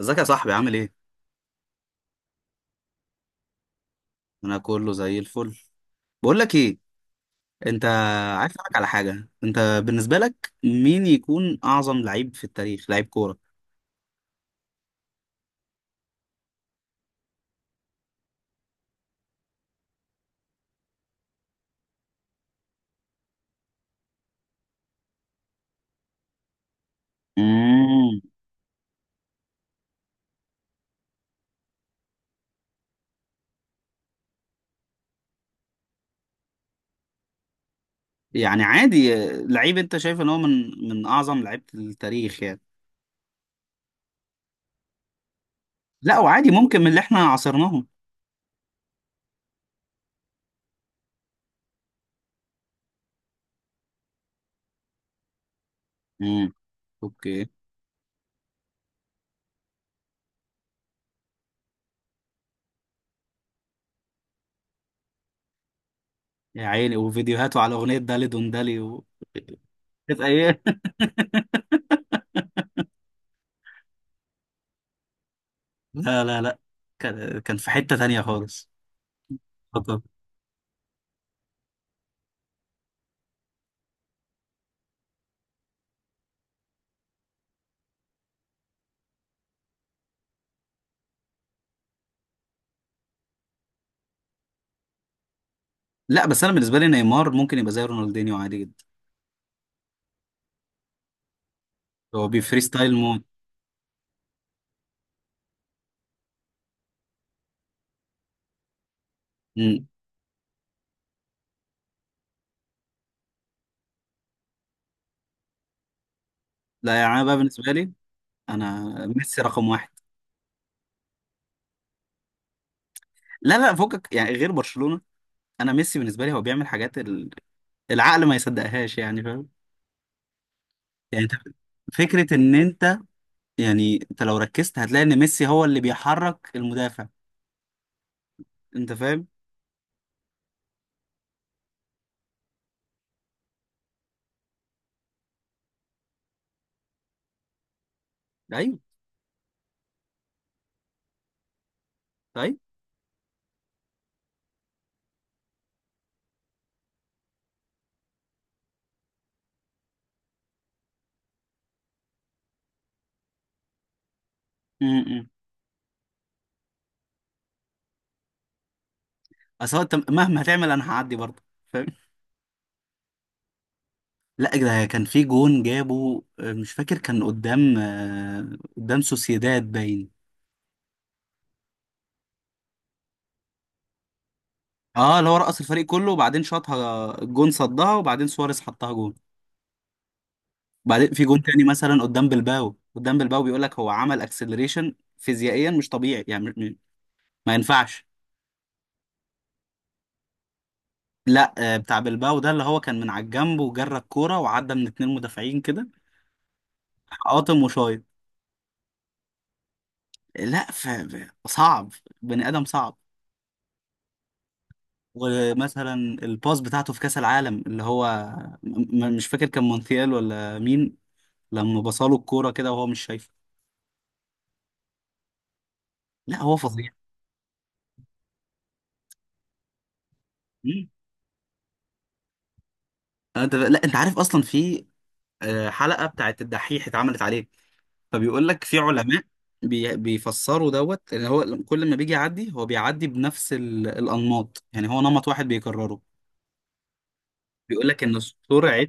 ازيك يا صاحبي عامل ايه؟ انا كله زي الفل. بقول لك ايه انت، عايز اسالك على حاجه. انت بالنسبه لك مين يكون اعظم لعيب في التاريخ، لعيب كوره؟ امم يعني عادي، لعيب انت شايف ان هو من اعظم لعيبه التاريخ يعني. لا وعادي، ممكن من اللي احنا عاصرناهم. امم اوكي. يا عيني، وفيديوهاته على اغنيه دالي دون دالي و كانت ايه؟ لا لا لا، كان في حته تانية خالص. خطر. لا بس انا بالنسبه لي نيمار ممكن يبقى زي رونالدينيو عادي جدا. هو بيفري ستايل موت. مم. لا يعني انا بقى بالنسبه لي، انا ميسي رقم واحد. لا لا، فوقك يعني غير برشلونه. انا ميسي بالنسبه لي هو بيعمل حاجات العقل ما يصدقهاش يعني، فاهم؟ يعني انت، فكره ان انت، يعني انت لو ركزت هتلاقي ان ميسي هو اللي بيحرك المدافع. انت فاهم؟ ايوه طيب. امم اصل هو انت مهما هتعمل انا هعدي برضه، فاهم. لا ده كان في جون جابه، مش فاكر كان قدام سوسيداد باين. اه اللي هو رقص الفريق كله، وبعدين شاطها الجون صدها، وبعدين سواريز حطها جون. بعدين في جون تاني مثلا قدام بلباو، بيقول لك هو عمل اكسلريشن فيزيائيا مش طبيعي يعني، ما ينفعش. لا بتاع بلباو ده اللي هو كان من على الجنب وجرى الكوره وعدى من اتنين مدافعين كده، قاطم وشايط. لا صعب، بني ادم صعب. ومثلا الباس بتاعته في كاس العالم اللي هو، مش فاكر كان مونتيال ولا مين، لما بصاله الكوره كده وهو مش شايفه. لا هو فظيع. انت لا انت عارف اصلا في حلقه بتاعت الدحيح اتعملت عليه، فبيقول لك في علماء بيفسروا دوت ان هو كل ما بيجي يعدي هو بيعدي بنفس الانماط، يعني هو نمط واحد بيكرره. بيقول لك ان سرعه،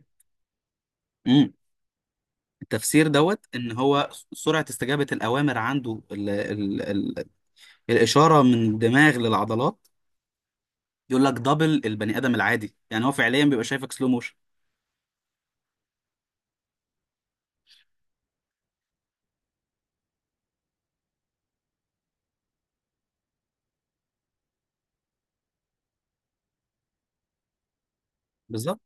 امم التفسير دوت ان هو سرعه استجابه الاوامر عنده الاشاره من الدماغ للعضلات. يقول لك دبل البني ادم العادي، يعني هو فعليا بيبقى شايفك سلو موشن. بالظبط.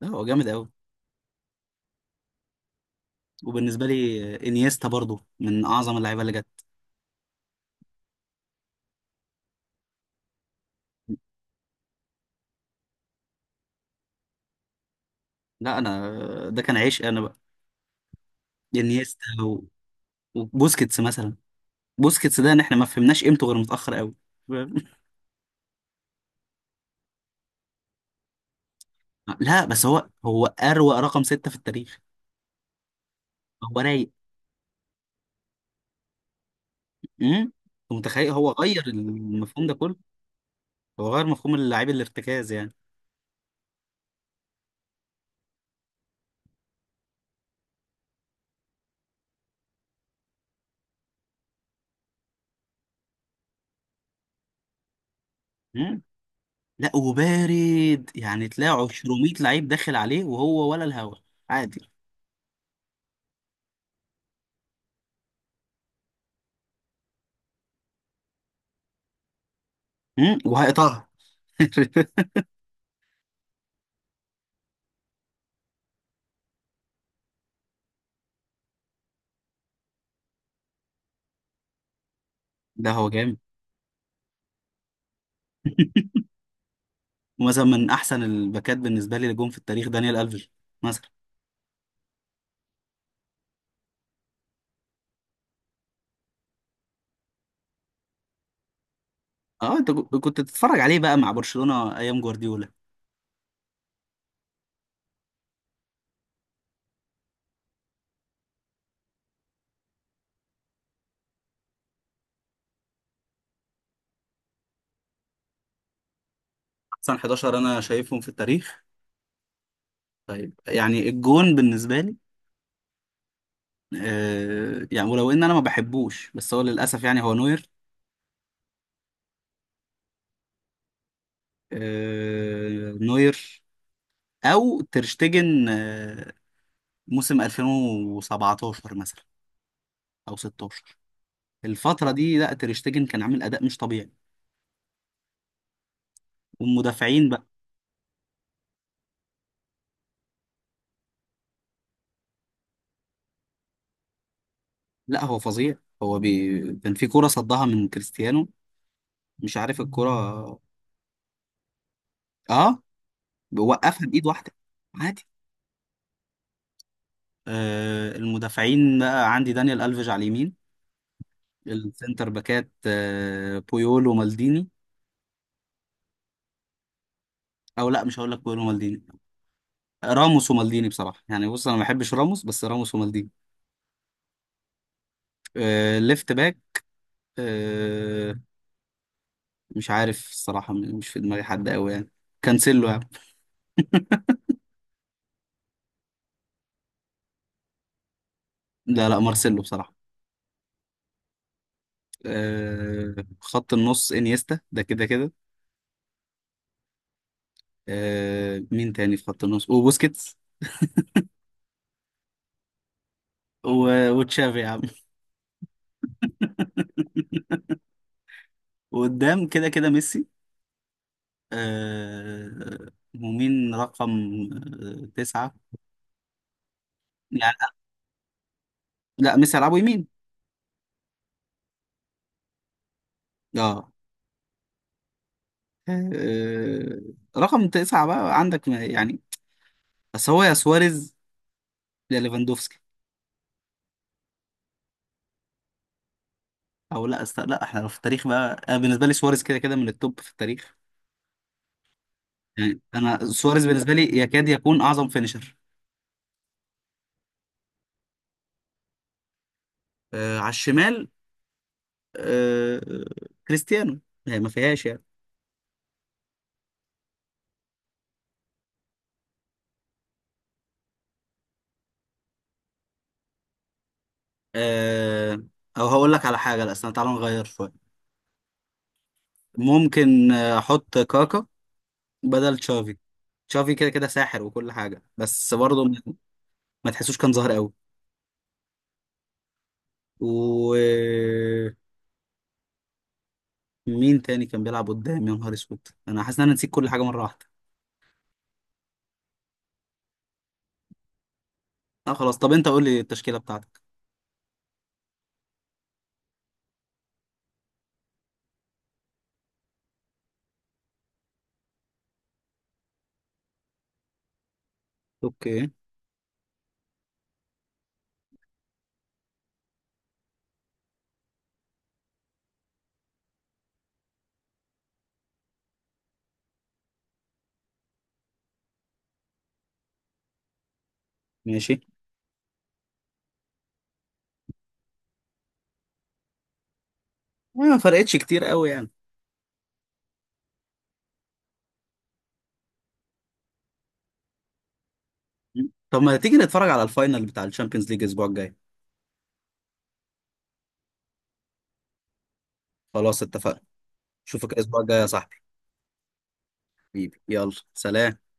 لا هو جامد قوي. وبالنسبه لي انيستا برضو من اعظم اللعيبه اللي جت. لا انا ده كان عيش انا بقى انيستا وبوسكيتس مثلا. بوسكيتس ده ان احنا ما فهمناش قيمته غير متاخر قوي، فاهم؟ لا بس هو اروق رقم ستة في التاريخ. هو رايق. امم أنت متخيل هو غير المفهوم ده كله. هو غير مفهوم اللاعب الارتكاز يعني. امم لا وبارد، يعني تلاقي 200 لعيب داخل عليه وهو ولا الهوا، عادي. وهيقطعها. ده هو جامد. ومثلا من احسن الباكات بالنسبه لي اللي جم في التاريخ دانيال الفيش مثلا. اه انت كنت بتتفرج عليه بقى مع برشلونة ايام جوارديولا. احسن 11 انا شايفهم في التاريخ. طيب يعني الجون بالنسبة لي، يعني ولو ان انا ما بحبوش بس هو للاسف يعني هو نوير. نوير. او ترشتجن موسم 2017 مثلا، او 16، الفترة دي. لا ترشتجن كان عامل اداء مش طبيعي. والمدافعين بقى. لا هو فظيع. هو كان في كرة صدها من كريستيانو، مش عارف الكرة. اه بوقفها بايد واحده، عادي. المدافعين بقى عندي دانيال الفيج على اليمين. السنتر باكات بويول ومالديني. او لا مش هقول لك بويول ومالديني، راموس ومالديني بصراحه. يعني بص انا ما بحبش راموس بس راموس ومالديني. ليفت باك. آه مش عارف الصراحه، مش في دماغي حد قوي يعني، كانسيلو يعني. لا لا، مارسيلو بصراحه. آه خط النص انيستا ده كده كده. مين تاني في خط النص وبوسكيتس وتشافي يا عم. وقدام كده كده ميسي. آه ومين رقم تسعة؟ يعني لا ميسي هيلعبوا يمين. اه آه، رقم تسعة بقى عندك، يعني بس هو يا سواريز يا ليفاندوفسكي. او لا لا احنا في التاريخ بقى انا بالنسبة لي سواريز كده كده من التوب في التاريخ. يعني انا سواريز بالنسبة لي يكاد يكون اعظم فينيشر. على الشمال. آه كريستيانو يعني ما فيهاش يعني. آه او هقول لك على حاجة، لا استنى تعالى نغير شوية. ممكن احط كاكا بدل تشافي. تشافي كده كده ساحر وكل حاجه، بس برضه ما تحسوش كان ظاهر قوي. و مين تاني كان بيلعب قدام؟ يا نهار اسود انا حاسس ان انا نسيت كل حاجه مره واحده. اه خلاص، طب انت قول لي التشكيله بتاعتك. اوكي ماشي. ما فرقتش كتير قوي يعني. طب ما تيجي نتفرج على الفاينل بتاع الشامبيونز ليج الاسبوع الجاي. خلاص اتفقنا. اشوفك الاسبوع الجاي يا صاحبي. حبيبي يلا سلام.